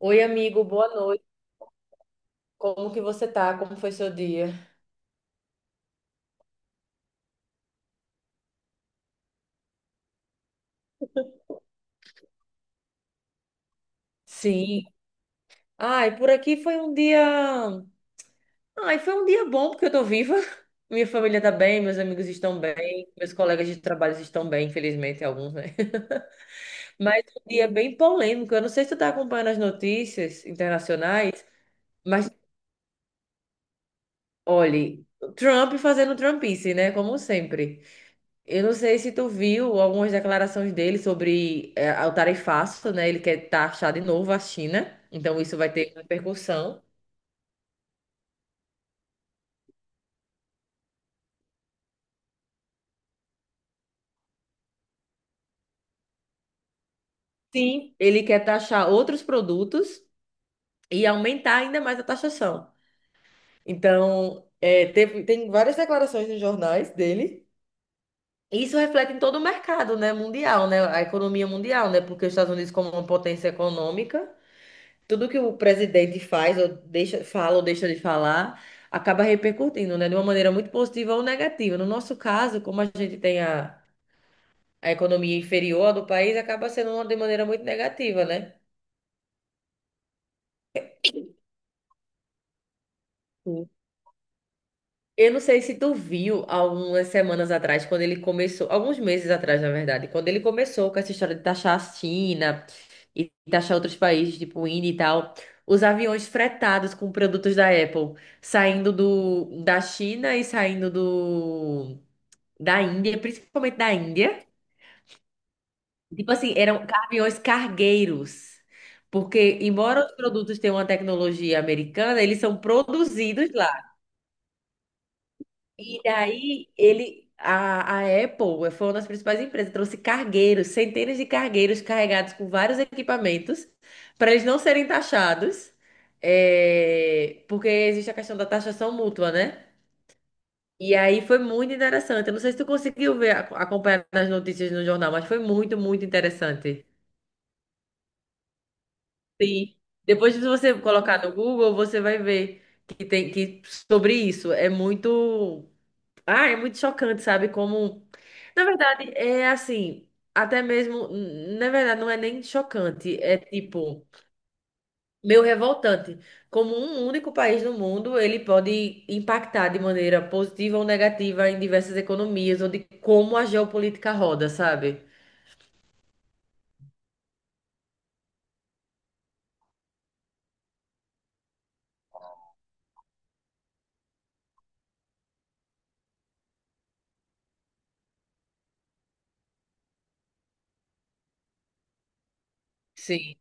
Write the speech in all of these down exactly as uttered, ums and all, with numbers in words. Oi, amigo, boa noite. Como que você tá? Como foi seu dia? Sim. Ai, por aqui foi um dia. Ai, foi um dia bom porque eu tô viva. Minha família tá bem, meus amigos estão bem, meus colegas de trabalho estão bem, infelizmente, alguns, né? Mas um dia bem polêmico. Eu não sei se tu tá acompanhando as notícias internacionais, mas olhe, Trump fazendo Trumpice, né? Como sempre. Eu não sei se tu viu algumas declarações dele sobre é, o tarifaço, né? Ele quer taxar de novo a China, então isso vai ter repercussão. Sim, ele quer taxar outros produtos e aumentar ainda mais a taxação. Então, é, teve- tem várias declarações nos jornais dele. Isso reflete em todo o mercado, né, mundial, né, a economia mundial, né, porque os Estados Unidos como uma potência econômica, tudo que o presidente faz, ou deixa, fala ou deixa de falar, acaba repercutindo, né? De uma maneira muito positiva ou negativa. No nosso caso, como a gente tem a, a economia inferior do país, acaba sendo uma de maneira muito negativa, né? Sim. Eu não sei se tu viu algumas semanas atrás, quando ele começou, alguns meses atrás, na verdade, quando ele começou com essa história de taxar a China e taxar outros países, tipo o Índia e tal, os aviões fretados com produtos da Apple saindo do, da China e saindo do da Índia, principalmente da Índia. Tipo assim, eram caminhões cargueiros. Porque, embora os produtos tenham uma tecnologia americana, eles são produzidos lá. E daí, ele, a, a Apple eh, foi uma das principais empresas, trouxe cargueiros, centenas de cargueiros carregados com vários equipamentos, para eles não serem taxados, é, porque existe a questão da taxação mútua, né? E aí foi muito interessante. Eu não sei se tu conseguiu ver, ac- acompanhar nas notícias no jornal, mas foi muito, muito interessante. Sim. Depois se você colocar no Google, você vai ver que tem que sobre isso. É muito, ah, é muito chocante, sabe? Como, na verdade, é assim, até mesmo, na verdade, não é nem chocante, é tipo meio revoltante. Como um único país no mundo, ele pode impactar de maneira positiva ou negativa em diversas economias ou de como a geopolítica roda, sabe? Sim,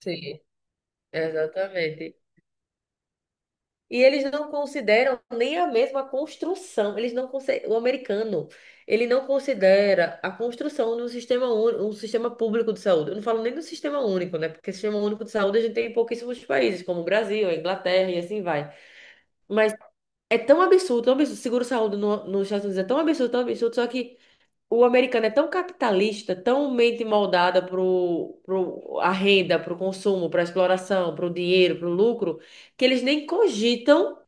sim. Exatamente. E eles não consideram nem a mesma construção. Eles não conse- O americano, ele não considera a construção de um sistema único, um sistema público de saúde. Eu não falo nem do sistema único, né? Porque sistema único de saúde a gente tem em pouquíssimos países, como o Brasil, a Inglaterra e assim vai. É tão absurdo, tão absurdo. Seguro-saúde no, nos Estados Unidos é tão absurdo, tão absurdo, só que o americano é tão capitalista, tão mente moldada pro, pro a renda, pro consumo, pra exploração, pro dinheiro, pro lucro, que eles nem cogitam,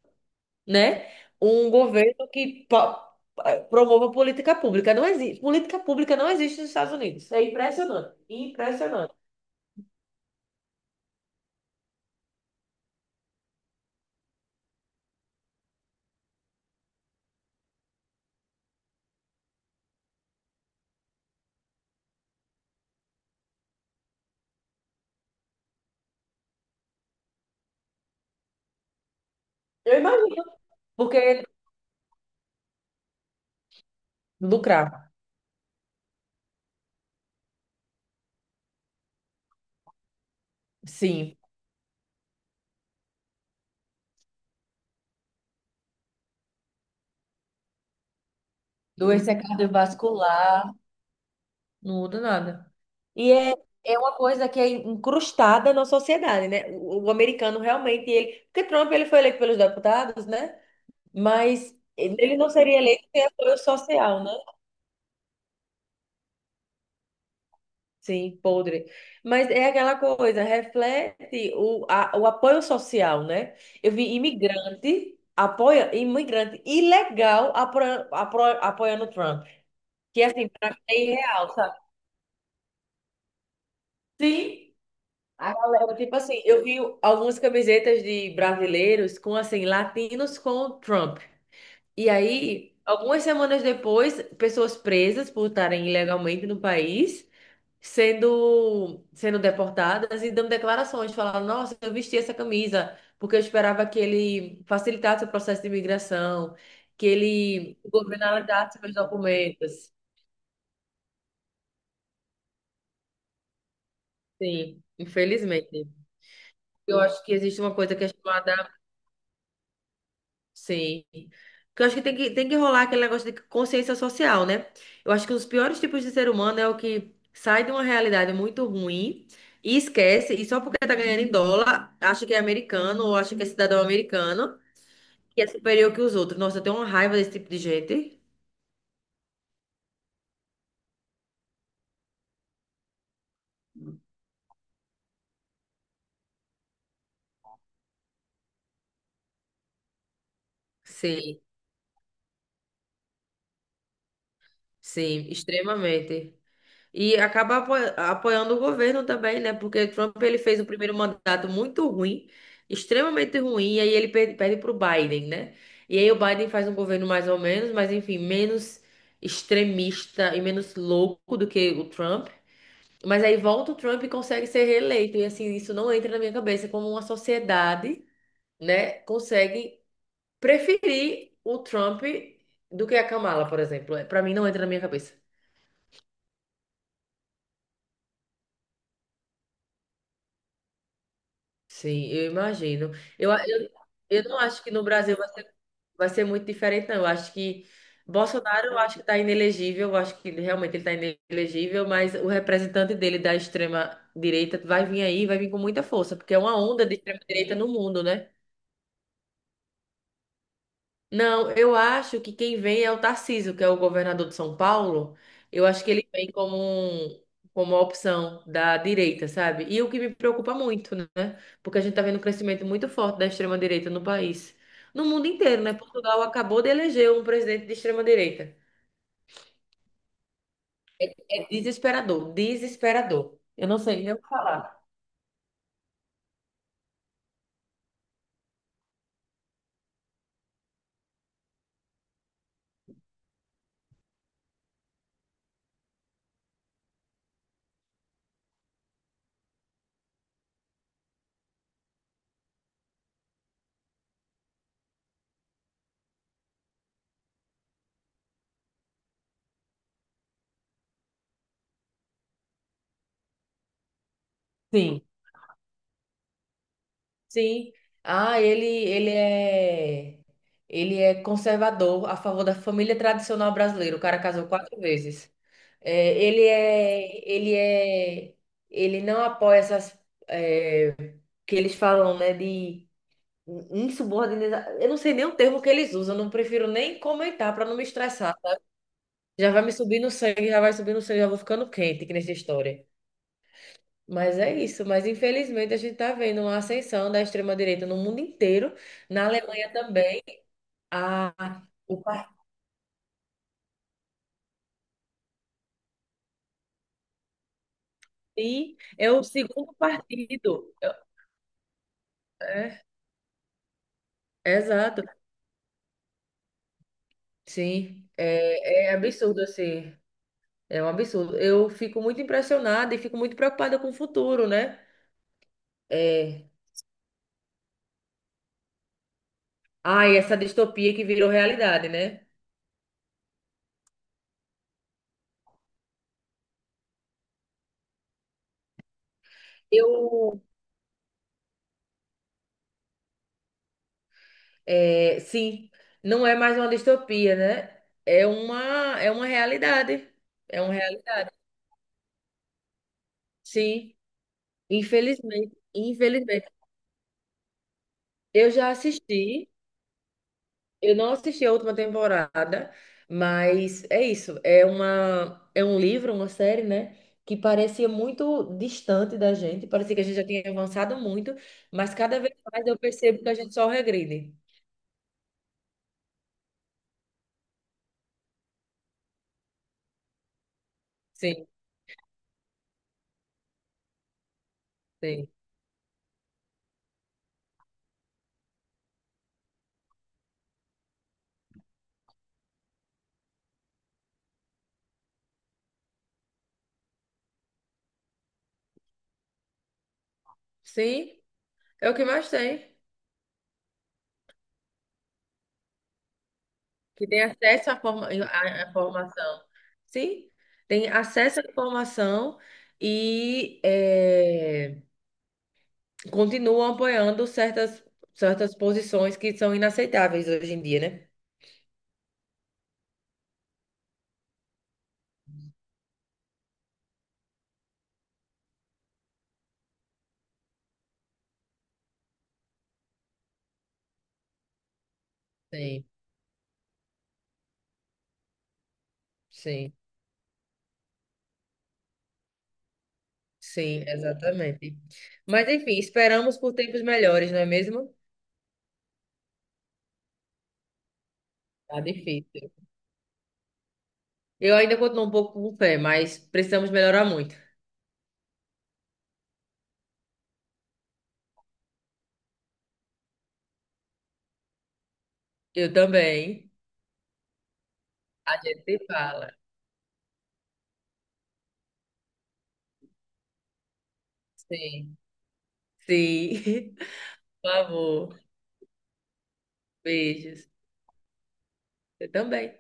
né, um governo que pa- promova política pública. Não existe, política pública não existe nos Estados Unidos. É impressionante, impressionante. Eu imagino, porque lucrar. Sim, doença cardiovascular. Não muda nada. E é, é uma coisa que é incrustada na sociedade, né? O, o americano realmente, ele, porque Trump ele foi eleito pelos deputados, né? Mas ele não seria eleito sem apoio social, né? Sim, podre. Mas é aquela coisa, reflete o, a- o apoio social, né? Eu vi imigrante apoia imigrante ilegal apro, apro, apoiando Trump, que assim, para mim é irreal, sabe? Sim. A galera, tipo assim, eu vi algumas camisetas de brasileiros com, assim, latinos com Trump. E aí, algumas semanas depois, pessoas presas por estarem ilegalmente no país, sendo, sendo deportadas e dando declarações, falando, nossa, eu vesti essa camisa porque eu esperava que ele facilitasse o processo de imigração, que ele, o governo analisasse meus documentos. Sim, infelizmente. Eu acho que existe uma coisa que é chamada. Sei. Porque eu acho que tem que, tem que rolar aquele negócio de consciência social, né? Eu acho que um dos piores tipos de ser humano é o que sai de uma realidade muito ruim e esquece, e só porque tá ganhando em dólar, acha que é americano ou acha que é cidadão americano que é superior que os outros. Nossa, eu tenho uma raiva desse tipo de gente. Sim, sim, extremamente. E acaba apo- apoiando o governo também, né? Porque Trump ele fez o primeiro mandato muito ruim, extremamente ruim, e aí ele per- perde para o Biden, né? E aí o Biden faz um governo mais ou menos, mas enfim, menos extremista e menos louco do que o Trump. Mas aí volta o Trump e consegue ser reeleito. E assim, isso não entra na minha cabeça como uma sociedade, né, consegue preferir o Trump do que a Kamala, por exemplo. Para mim não entra na minha cabeça. Sim, eu imagino. Eu, eu, eu não acho que no Brasil vai, vai ser muito diferente, não. Eu acho que Bolsonaro, eu acho que está inelegível, eu acho que realmente ele está inelegível, mas o representante dele da extrema-direita vai vir aí, vai vir com muita força, porque é uma onda de extrema-direita no mundo, né? Não, eu acho que quem vem é o Tarcísio, que é o governador de São Paulo. Eu acho que ele vem como, um- como uma opção da direita, sabe? E o que me preocupa muito, né? Porque a gente tá vendo um crescimento muito forte da extrema-direita no país. No mundo inteiro, né? Portugal acabou de eleger um presidente de extrema-direita. É desesperador, desesperador. Eu não sei nem o que falar. Sim. Sim. Ah, ele, ele é ele é conservador a favor da família tradicional brasileira. O cara casou quatro vezes. É, ele é ele é ele não apoia essas é, que eles falam, né, de insubordinação. Eu não sei nem o termo que eles usam, eu não prefiro nem comentar para não me estressar. Já vai me subir no sangue, já vai subir no sangue, já vou ficando quente aqui nessa história. Mas é isso, mas infelizmente a gente está vendo uma ascensão da extrema-direita no mundo inteiro, na Alemanha também. A, o partido é o segundo partido. É, é, exato, sim. É, é absurdo, assim. É um absurdo. Eu fico muito impressionada e fico muito preocupada com o futuro, né? É, ai, essa distopia que virou realidade, né? Eu, é, sim, não é mais uma distopia, né? É uma, é uma realidade. É uma realidade. Sim, infelizmente, infelizmente. Eu já assisti, eu não assisti a última temporada, mas é isso, é uma é um livro, uma série, né, que parecia muito distante da gente, parecia que a gente já tinha avançado muito, mas cada vez mais eu percebo que a gente só regride. Sim, sim. Sim, é o que mais tem, que tem acesso à forma, à informação. Sim, tem acesso à informação e é, continuam apoiando certas, certas posições que são inaceitáveis hoje em dia, né? Sim, sim, sim, exatamente. Mas enfim, esperamos por tempos melhores, não é mesmo? Tá difícil. Eu ainda continuo um pouco com fé, mas precisamos melhorar muito. Eu também. A gente se fala. Sim. Sim. Por favor. Beijos. Eu também.